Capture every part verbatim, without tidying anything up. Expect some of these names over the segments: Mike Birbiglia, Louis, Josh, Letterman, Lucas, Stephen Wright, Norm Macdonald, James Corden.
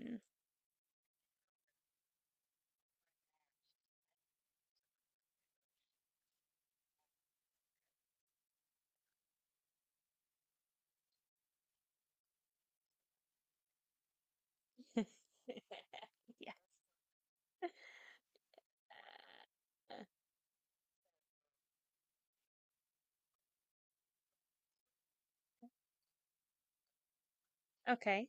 Mm. Yeah. Okay.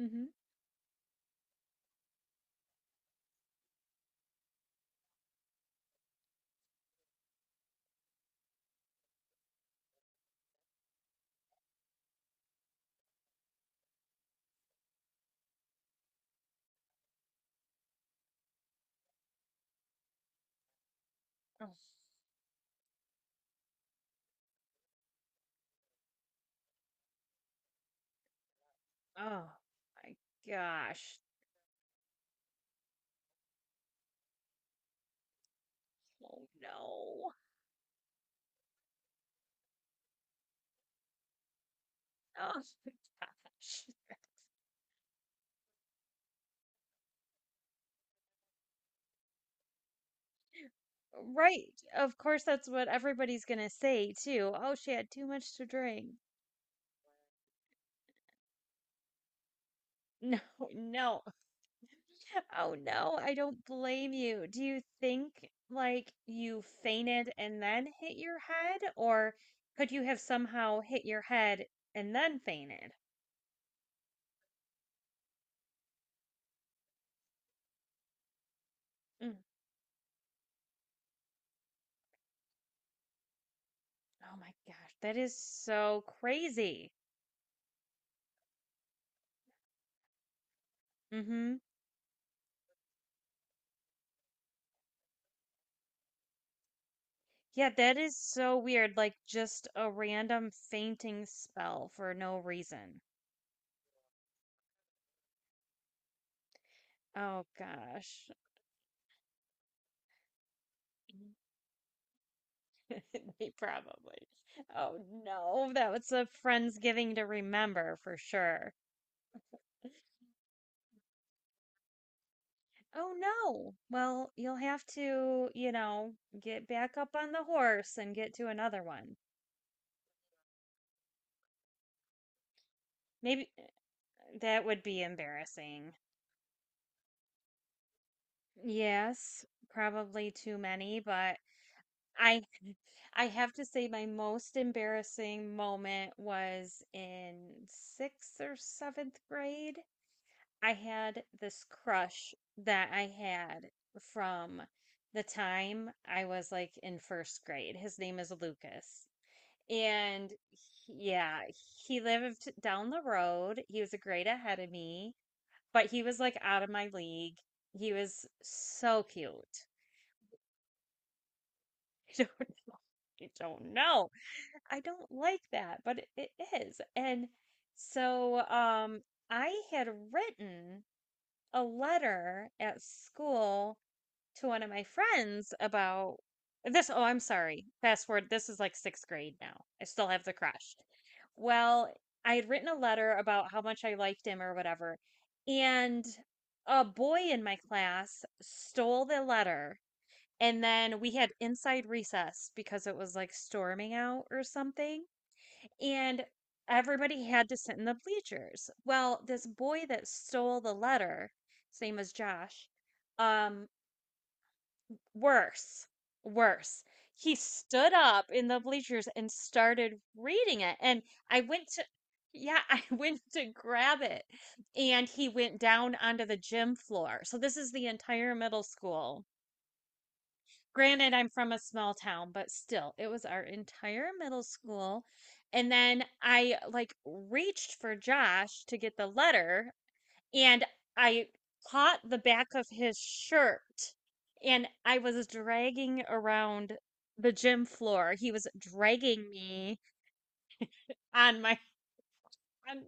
Mm-hmm. Oh my gosh. Oh no. Oh my gosh. Right. Of course, that's what everybody's gonna say too. Oh, she had too much to drink. No, no. Oh no, I don't blame you. Do you think like you fainted and then hit your head, or could you have somehow hit your head and then fainted? Mm. Oh my gosh, that is so crazy. Mm-hmm. Yeah, that is so weird. Like just a random fainting spell for no reason. Oh gosh. They probably. Oh no, that was a friend's giving to remember for sure. Oh no. Well, you'll have to, you know, get back up on the horse and get to another one. Maybe that would be embarrassing. Yes, probably too many, but I I have to say my most embarrassing moment was in sixth or seventh grade. I had this crush that I had from the time I was like in first grade. His name is Lucas. And he- yeah, he lived down the road. He was a grade ahead of me, but he was like out of my league. He was so cute. I don't know. I don't know. I don't like that, but it, it is. And so um I had written a letter at school to one of my friends about this. Oh, I'm sorry. Fast forward. This is like sixth grade now. I still have the crush. Well, I had written a letter about how much I liked him or whatever, and a boy in my class stole the letter. And then we had inside recess because it was like storming out or something. And everybody had to sit in the bleachers. Well, this boy that stole the letter, his name was Josh, um, worse, worse. He stood up in the bleachers and started reading it. And I went to, yeah, I went to grab it. And he went down onto the gym floor. So this is the entire middle school. Granted, I'm from a small town, but still, it was our entire middle school. And then I like reached for Josh to get the letter and I caught the back of his shirt and I was dragging around the gym floor. He was dragging me on my on,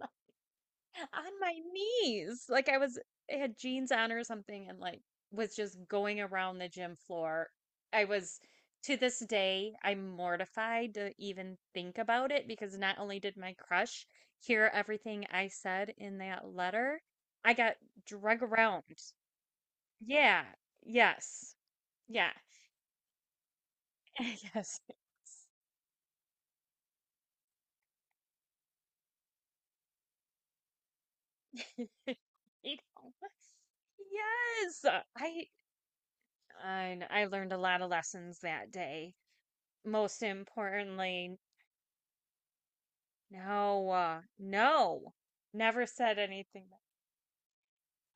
on my knees. Like I was I had jeans on or something and like was just going around the gym floor. I was to this day I'm mortified to even think about it because not only did my crush hear everything I said in that letter, I got drug around. Yeah. Yes. Yeah. Yes. You know? Yes. uh, I I kn- I learned a lot of lessons that day. Most importantly, no, uh, no. Never said anything back.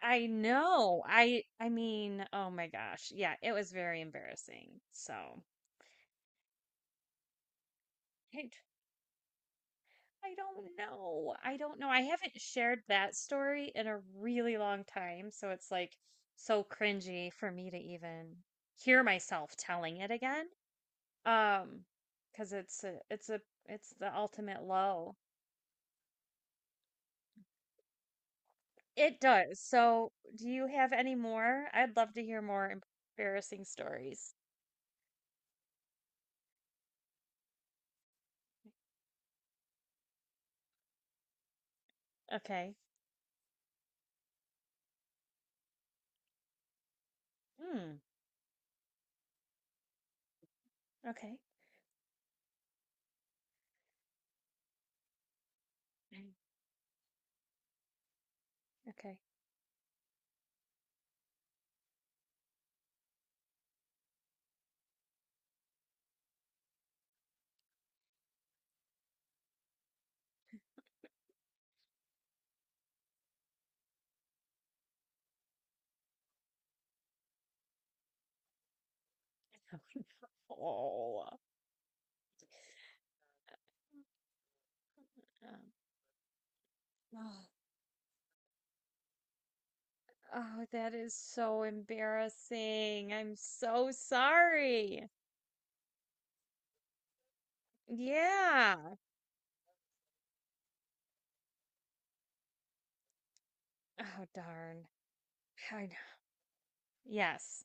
I know. I I mean, oh my gosh. Yeah, it was very embarrassing. So, hey, I don't know. I don't know. I haven't shared that story in a really long time, so it's like so cringy for me to even hear myself telling it again. Um, because it's a, it's a, it's the ultimate low. It does. So, do you have any more? I'd love to hear more embarrassing stories. Okay. Hmm. Okay. Okay. Oh no. Um, Oh, that is so embarrassing. I'm so sorry. Yeah. Oh, darn. I know. Yes.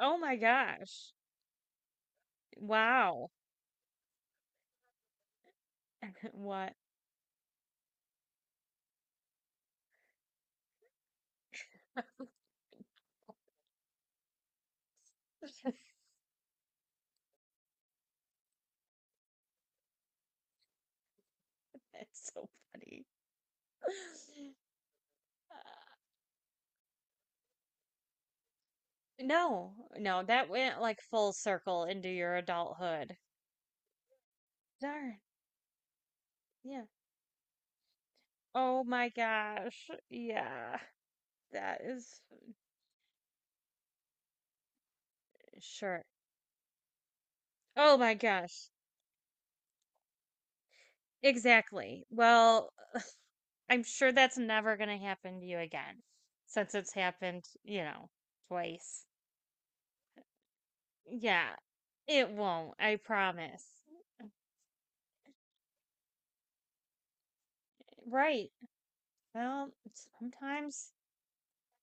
Oh my gosh. Wow. What? It's so funny. Uh, no, no, that went like full circle into your adulthood. Darn. Yeah. Oh my gosh. Yeah. That is sure. Oh my gosh. Exactly. Well, I'm sure that's never going to happen to you again since it's happened, you know, twice. Yeah, it won't. I promise. Right. Well, sometimes,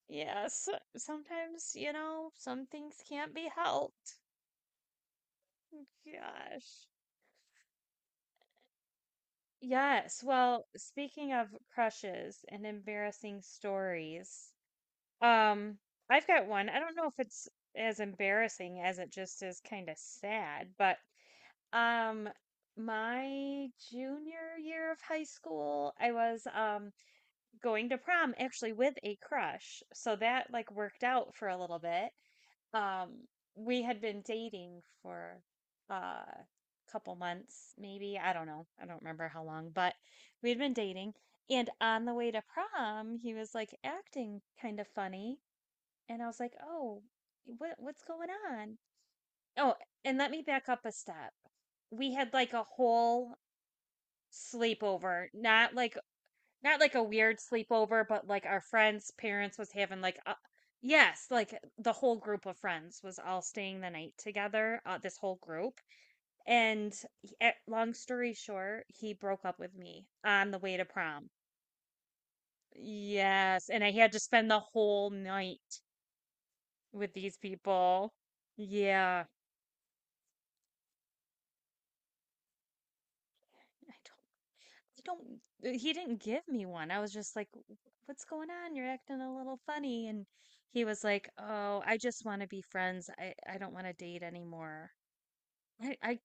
yes, sometimes, you know, some things can't be helped. Oh gosh. Yes. Well, speaking of crushes and embarrassing stories, Um, I've got one. I don't know if it's as embarrassing as it just is kind of sad, but um my junior year of high school, I was um going to prom actually with a crush. So that like worked out for a little bit. Um we had been dating for uh couple months maybe. I don't know. I don't remember how long, but we had been dating and on the way to prom, he was like acting kind of funny and I was like, "Oh, what what's going on?" Oh, and let me back up a step. We had like a whole sleepover, not like not like a weird sleepover, but like our friends' parents was having like a, yes, like the whole group of friends was all staying the night together, uh, this whole group. And he- eh, long story short, he broke up with me on the way to prom. Yes, and I had to spend the whole night with these people. Yeah. I you don't, uh, he didn't give me one. I was just like, what's going on? You're acting a little funny. And he was like, oh, I just want to be friends. I, I, don't want to date anymore. I, I,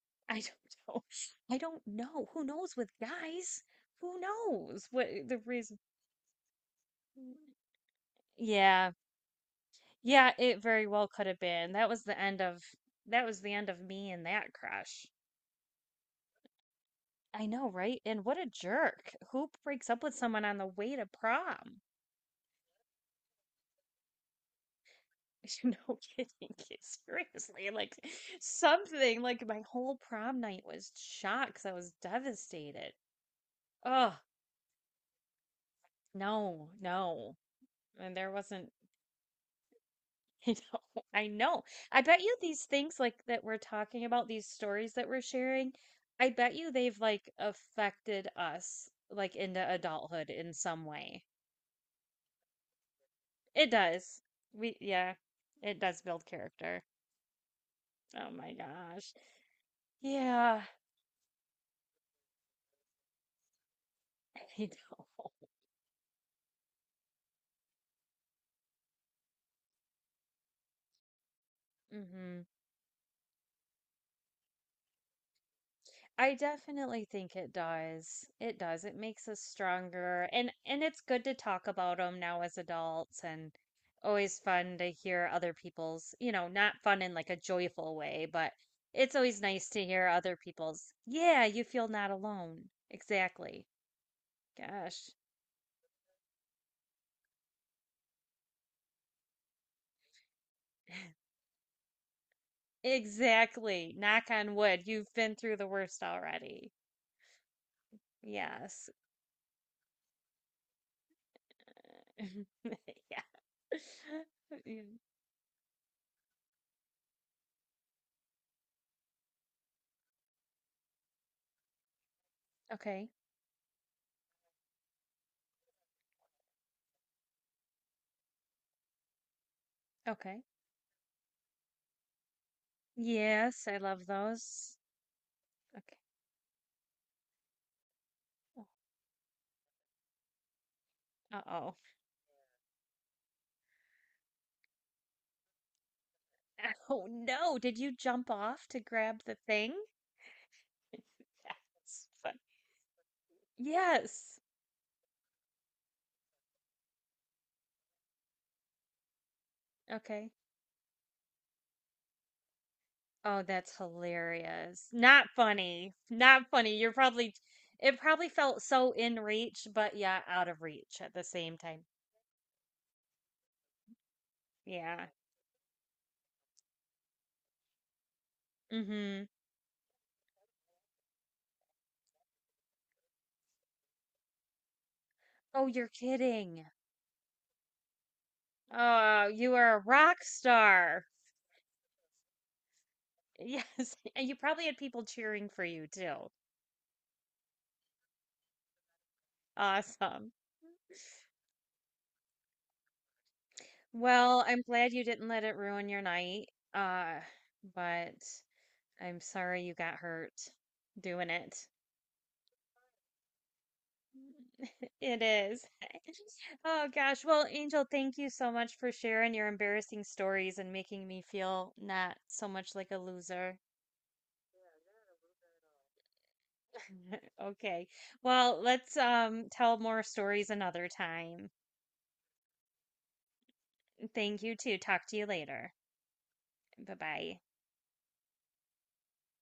I don't know. I don't know. Who knows with guys? Who knows what the reason? Yeah. Yeah, it very well could have been. That was the end of, that was the end of me and that crush. I know, right? And what a jerk. Who breaks up with someone on the way to prom? No kidding. Seriously, like something like my whole prom night was shot because I was devastated. Oh, no, no. And there wasn't, you know, I know. I bet you these things like that we're talking about, these stories that we're sharing, I bet you they've like affected us like into adulthood in some way. It does. We, yeah, it does build character. Oh my gosh. Yeah, I know. Hmm. I definitely think it does. It does. It makes us stronger and and it's good to talk about them now as adults and always fun to hear other people's, you know, not fun in like a joyful way, but it's always nice to hear other people's, yeah, you feel not alone. Exactly. Gosh. Exactly. Knock on wood. You've been through the worst already. Yes. Yeah. Yeah. Okay. Okay. Yes, I love those. Okay. Oh, uh-oh. Oh no, did you jump off to grab the thing? That's funny. Yes. Okay. Oh, that's hilarious. Not funny. Not funny. You're probably, it probably felt so in reach, but yeah, out of reach at the same time. Yeah. Mm-hmm. Oh, you're kidding. Oh, you are a rock star. Yes. And you probably had people cheering for you too. Awesome. Well, I'm glad you didn't let it ruin your night. Uh, but I'm sorry you got hurt doing it. It is. Oh gosh. Well, Angel, thank you so much for sharing your embarrassing stories and making me feel not so much like a loser. Okay. Well, let's um tell more stories another time. Thank you too. Talk to you later. Bye-bye.